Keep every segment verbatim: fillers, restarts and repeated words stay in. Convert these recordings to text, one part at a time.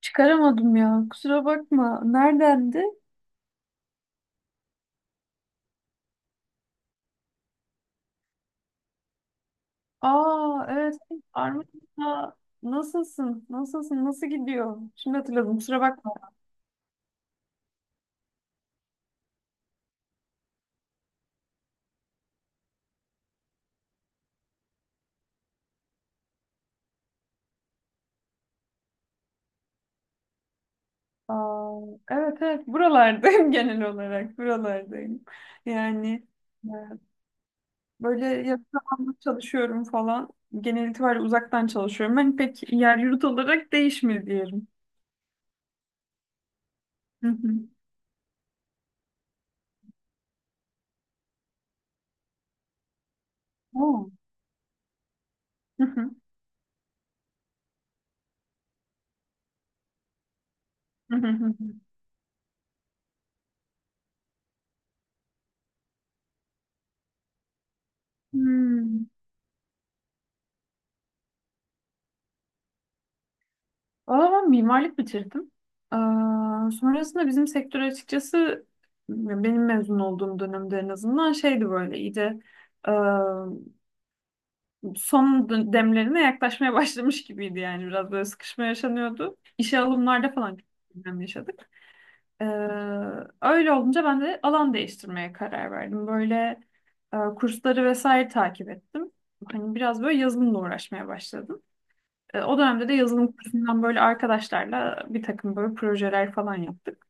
Çıkaramadım ya. Kusura bakma. Neredendi? Aa, evet. Armut'a nasılsın? Nasılsın? Nasıl gidiyor? Şimdi hatırladım. Kusura bakma. Aa, evet evet. Buralardayım genel olarak. Buralardayım. Yani e, böyle yakın zamanda çalışıyorum falan. Genel itibariyle uzaktan çalışıyorum. Ben pek yer yurt olarak değişmedi diyelim. Hı hı. Oo. Hı hı. Hı hı hı hı. Hmm. Valla ben mimarlık bitirdim. Aa, sonrasında bizim sektör açıkçası benim mezun olduğum dönemde en azından şeydi böyle iyice aa, son dö- demlerine yaklaşmaya başlamış gibiydi yani biraz böyle sıkışma yaşanıyordu. İşe alımlarda falan çok problem yaşadık. Ee, Öyle olunca ben de alan değiştirmeye karar verdim. Böyle e, kursları vesaire takip ettim. Hani biraz böyle yazılımla uğraşmaya başladım. E, O dönemde de yazılım kursundan böyle arkadaşlarla bir takım böyle projeler falan yaptık.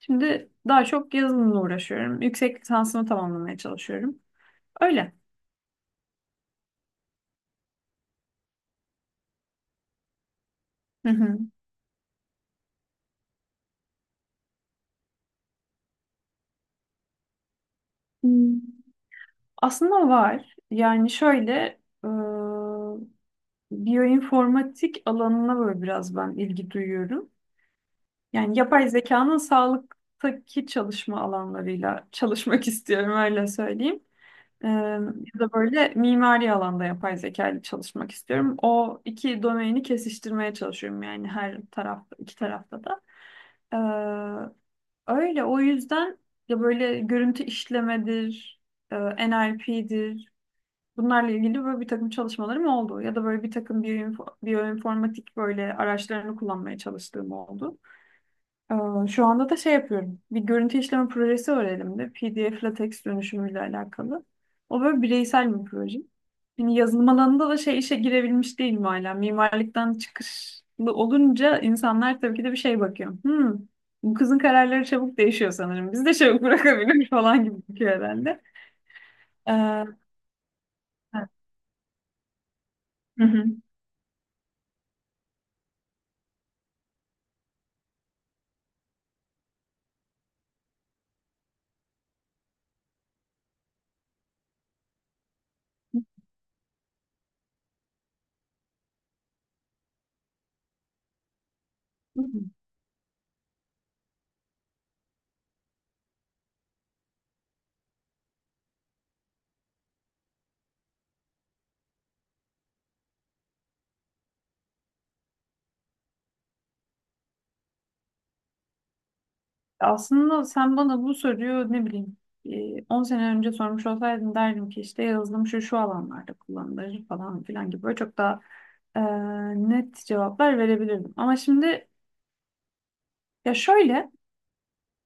Şimdi daha çok yazılımla uğraşıyorum. Yüksek lisansımı tamamlamaya çalışıyorum. Öyle. Hı hı. Hmm. Aslında var. Yani şöyle e, biyoinformatik alanına böyle biraz ben ilgi duyuyorum. Yani yapay zekanın sağlıktaki çalışma alanlarıyla çalışmak istiyorum öyle söyleyeyim. Ee, ya da böyle mimari alanda yapay zeka ile çalışmak istiyorum. O iki domaini kesiştirmeye çalışıyorum yani her tarafta, iki tarafta da. Ee, Öyle o yüzden ya böyle görüntü işlemedir, e, N L P'dir. Bunlarla ilgili böyle bir takım çalışmalarım oldu. Ya da böyle bir takım biyoinfo- biyoinformatik böyle araçlarını kullanmaya çalıştığım oldu. Ee, Şu anda da şey yapıyorum. Bir görüntü işleme projesi var elimde. P D F LaTeX dönüşümüyle alakalı. O böyle bireysel bir proje. Yani yazılım alanında da şey işe girebilmiş değilim hala. Mimarlıktan çıkışlı olunca insanlar tabii ki de bir şey bakıyor. Hmm, bu kızın kararları çabuk değişiyor sanırım. Biz de çabuk bırakabiliriz falan gibi bakıyor herhalde. Ee, Hı hı. Aslında sen bana bu soruyu ne bileyim e, on sene önce sormuş olsaydın derdim ki işte yazılım şu şu alanlarda kullanılır falan filan gibi böyle çok daha e, net cevaplar verebilirdim. Ama şimdi ya şöyle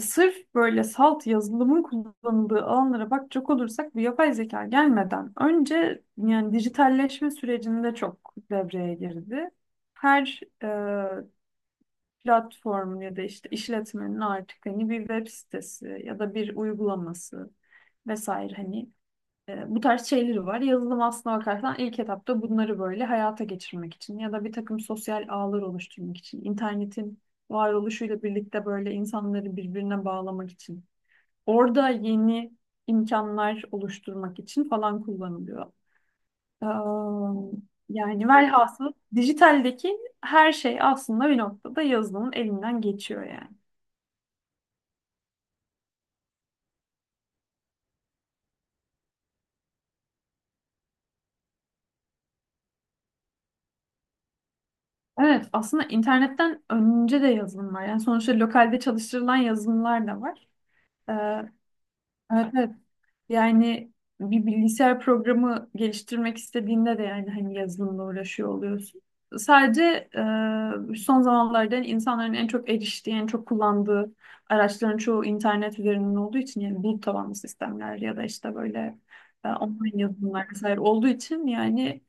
sırf böyle salt yazılımın kullanıldığı alanlara bakacak olursak bu yapay zeka gelmeden önce yani dijitalleşme sürecinde çok devreye girdi. Her e, platform ya da işte işletmenin artık hani bir web sitesi ya da bir uygulaması vesaire hani e, bu tarz şeyleri var. Yazılım aslına bakarsan ilk etapta bunları böyle hayata geçirmek için ya da bir takım sosyal ağlar oluşturmak için, internetin varoluşuyla birlikte böyle insanları birbirine bağlamak için, orada yeni imkanlar oluşturmak için falan kullanılıyor. Am, Yani velhasıl dijitaldeki her şey aslında bir noktada yazılımın elinden geçiyor yani. Evet, aslında internetten önce de yazılım var. Yani sonuçta lokalde çalıştırılan yazılımlar da var. Ee, evet, evet. Yani bir bilgisayar programı geliştirmek istediğinde de yani hani yazılımla uğraşıyor oluyorsun. Sadece e, son zamanlarda yani insanların en çok eriştiği, en çok kullandığı araçların çoğu internet üzerinden olduğu için yani bulut tabanlı sistemler ya da işte böyle e, online yazılımlar vesaire olduğu için yani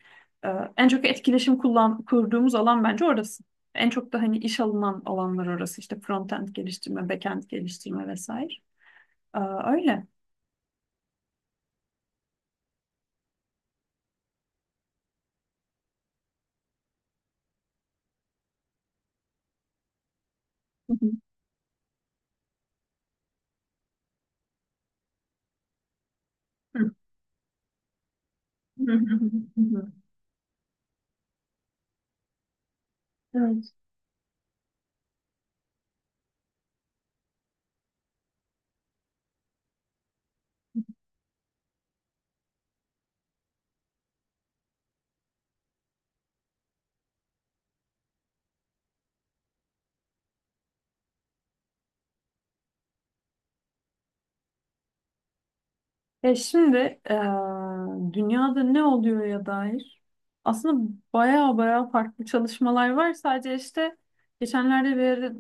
e, en çok etkileşim kullan kurduğumuz alan bence orası. En çok da hani iş alınan alanlar orası işte frontend geliştirme, backend geliştirme vesaire. E, öyle. Hı hı. Hı hı hı hı hı. Evet. E şimdi e, dünyada ne oluyor ya dair aslında baya baya farklı çalışmalar var. Sadece işte geçenlerde bir yerde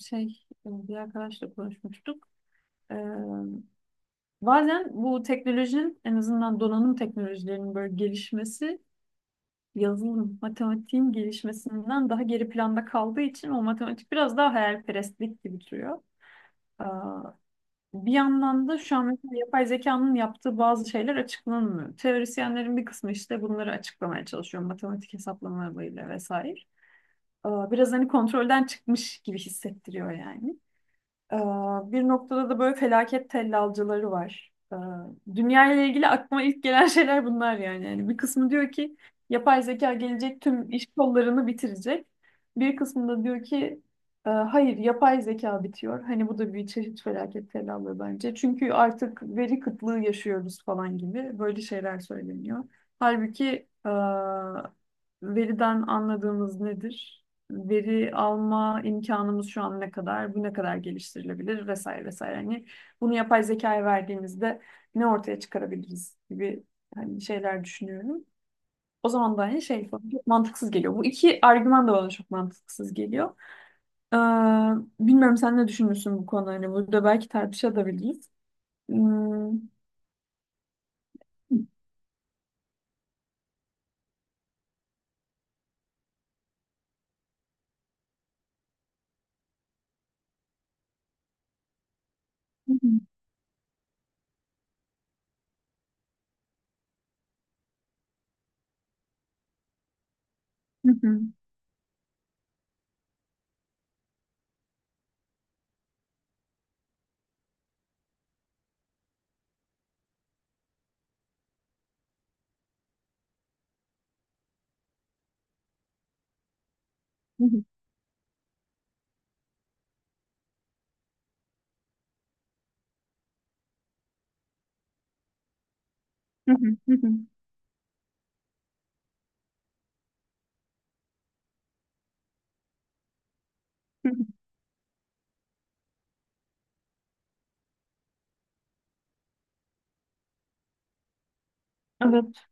şey e, bir arkadaşla konuşmuştuk. E, Bazen bu teknolojinin en azından donanım teknolojilerinin böyle gelişmesi yazılım, matematiğin gelişmesinden daha geri planda kaldığı için o matematik biraz daha hayalperestlik gibi duruyor. Bir yandan da şu an mesela yapay zekanın yaptığı bazı şeyler açıklanmıyor. Teorisyenlerin bir kısmı işte bunları açıklamaya çalışıyor. Matematik hesaplamalarıyla vesaire. Ee, Biraz hani kontrolden çıkmış gibi hissettiriyor yani. Ee, Bir noktada da böyle felaket tellalcıları var. Ee, Dünya ile ilgili aklıma ilk gelen şeyler bunlar yani. Yani bir kısmı diyor ki yapay zeka gelecek tüm iş kollarını bitirecek. Bir kısmı da diyor ki "E, Hayır yapay zeka bitiyor." Hani bu da bir çeşit felaket tellallığı bence. Çünkü artık veri kıtlığı yaşıyoruz falan gibi böyle şeyler söyleniyor. Halbuki e, veriden anladığımız nedir? Veri alma imkanımız şu an ne kadar, bu ne kadar geliştirilebilir vesaire vesaire. Hani bunu yapay zekaya verdiğimizde ne ortaya çıkarabiliriz gibi hani şeyler düşünüyorum. O zaman da hani şey falan çok mantıksız geliyor. Bu iki argüman da bana çok mantıksız geliyor. Ee, Bilmiyorum sen ne düşünürsün bu konuda. Hani burada belki tartışabiliriz. Hmm. Evet.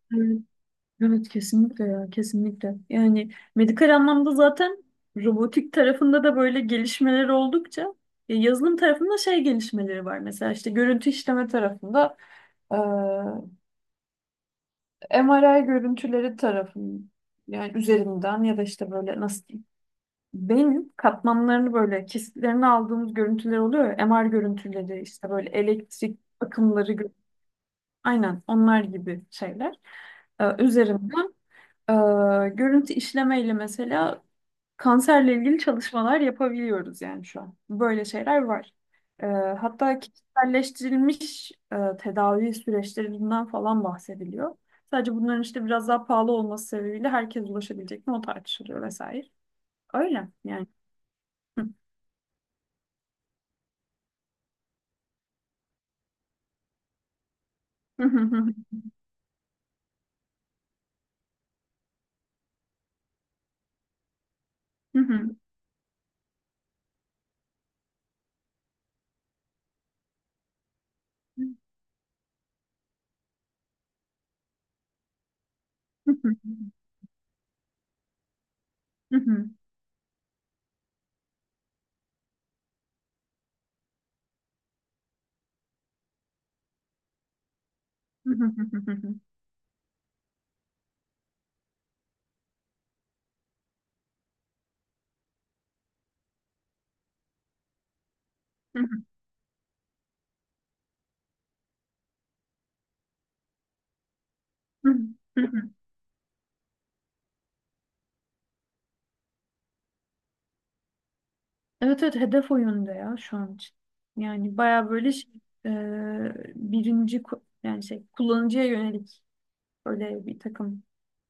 Evet kesinlikle ya, kesinlikle. Yani medikal anlamda zaten robotik tarafında da böyle gelişmeler oldukça ya yazılım tarafında şey gelişmeleri var. Mesela işte görüntü işleme tarafında eee M R I görüntüleri tarafın yani üzerinden ya da işte böyle nasıl diyeyim beyin katmanlarını böyle kesitlerini aldığımız görüntüler oluyor ya, M R görüntüleri işte böyle elektrik akımları gö- aynen onlar gibi şeyler Eee, üzerinden Ee, görüntü işlemeyle mesela kanserle ilgili çalışmalar yapabiliyoruz yani şu an. Böyle şeyler var. Ee, Hatta kişiselleştirilmiş e, tedavi süreçlerinden falan bahsediliyor. Sadece bunların işte biraz daha pahalı olması sebebiyle herkes ulaşabilecek mi o tartışılıyor vesaire. Öyle yani. Evet evet, hedef o yönde ya şu an için. Yani baya böyle şey, e, birinci ku- yani şey kullanıcıya yönelik böyle bir takım.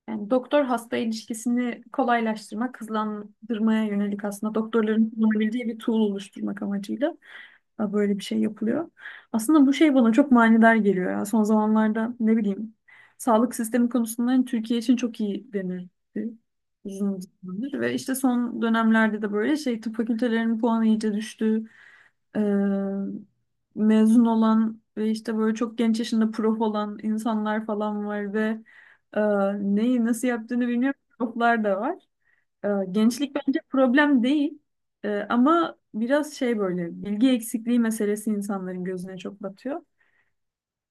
Yani doktor hasta ilişkisini kolaylaştırmak, hızlandırmaya yönelik aslında doktorların kullanabildiği bir tool oluşturmak amacıyla da böyle bir şey yapılıyor. Aslında bu şey bana çok manidar geliyor ya. Son zamanlarda ne bileyim sağlık sistemi konusunda hani Türkiye için çok iyi denildi uzun zamandır. Ve işte son dönemlerde de böyle şey tıp fakültelerinin puanı iyice düştü. Ee, Mezun olan ve işte böyle çok genç yaşında prof olan insanlar falan var ve e, neyi nasıl yaptığını bilmiyorum. Proflar da var. Ee, Gençlik bence problem değil. Ee, ama biraz şey böyle bilgi eksikliği meselesi insanların gözüne çok batıyor.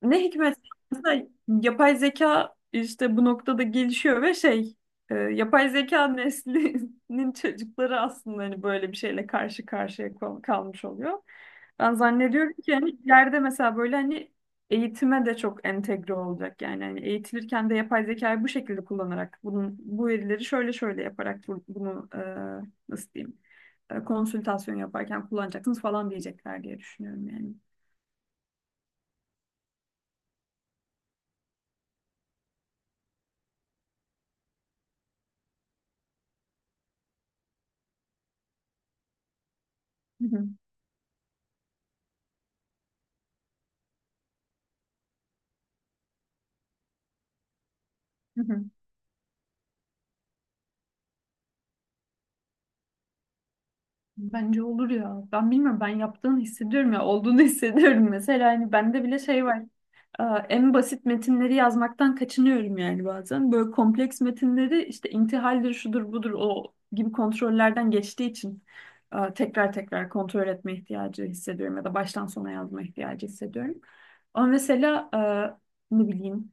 Ne hikmet mesela yapay zeka işte bu noktada gelişiyor ve şey e, yapay zeka neslinin çocukları aslında hani böyle bir şeyle karşı karşıya kal- kalmış oluyor. Ben zannediyorum ki hani ileride mesela böyle hani eğitime de çok entegre olacak yani hani eğitilirken de yapay zekayı bu şekilde kullanarak bunun bu verileri şöyle şöyle yaparak bu- bunu e, nasıl diyeyim e, konsültasyon yaparken kullanacaksınız falan diyecekler diye düşünüyorum yani. Hı hı. Hı hı. Bence olur ya. Ben bilmiyorum, ben yaptığını hissediyorum ya, olduğunu hissediyorum. Mesela hani bende bile şey var. Aa, En basit metinleri yazmaktan kaçınıyorum yani bazen. Böyle kompleks metinleri işte intihaldir, şudur, budur o gibi kontrollerden geçtiği için aa, tekrar tekrar kontrol etme ihtiyacı hissediyorum ya da baştan sona yazma ihtiyacı hissediyorum. Ama mesela aa, ne bileyim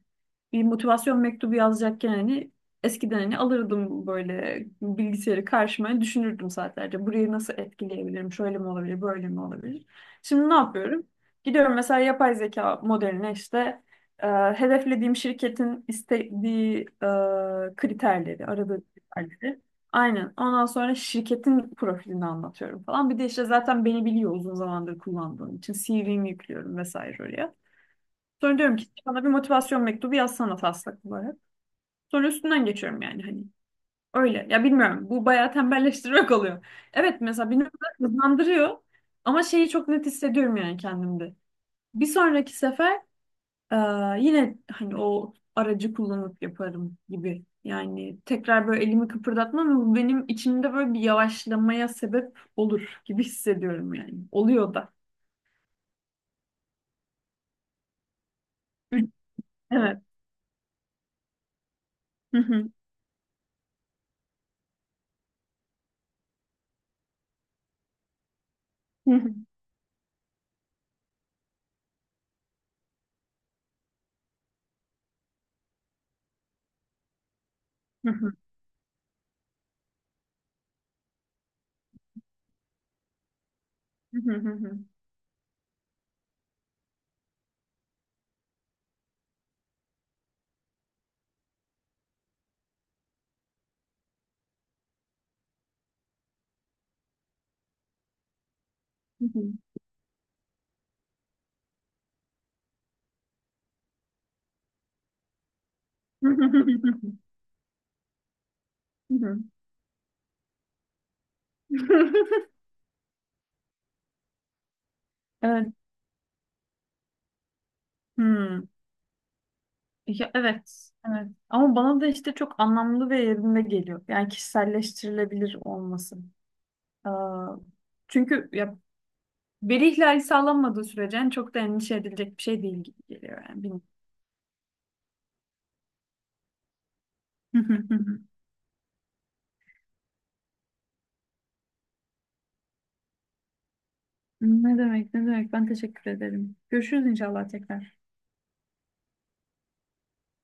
bir motivasyon mektubu yazacakken hani eskiden hani alırdım böyle bilgisayarı karşıma hani düşünürdüm saatlerce. Burayı nasıl etkileyebilirim? Şöyle mi olabilir, böyle mi olabilir? Şimdi ne yapıyorum? Gidiyorum mesela yapay zeka modeline işte e, hedeflediğim şirketin istediği e, kriterleri, aradığı kriterleri. Aynen. Ondan sonra şirketin profilini anlatıyorum falan. Bir de işte zaten beni biliyor uzun zamandır kullandığım için. C V'mi yüklüyorum vesaire oraya. Sonra diyorum ki bana bir motivasyon mektubu yazsana taslak olarak. Sonra üstünden geçiyorum yani hani. Öyle. Ya bilmiyorum. Bu bayağı tembelleştirmek oluyor. Evet, mesela beni hızlandırıyor. Ama şeyi çok net hissediyorum yani kendimde. Bir sonraki sefer ee, yine hani o aracı kullanıp yaparım gibi. Yani tekrar böyle elimi kıpırdatmam ama bu benim içimde böyle bir yavaşlamaya sebep olur gibi hissediyorum yani. Oluyor da. Evet. Evet. Hmm. Ya, evet. Evet. Ama bana da işte çok anlamlı ve yerinde geliyor. Yani kişiselleştirilebilir olması. Ee, Çünkü ya, veri ihlali sağlanmadığı sürece yani çok da endişe edilecek bir şey değil gibi geliyor yani. Bilmiyorum. Ne demek, ne demek. Ben teşekkür ederim. Görüşürüz inşallah tekrar.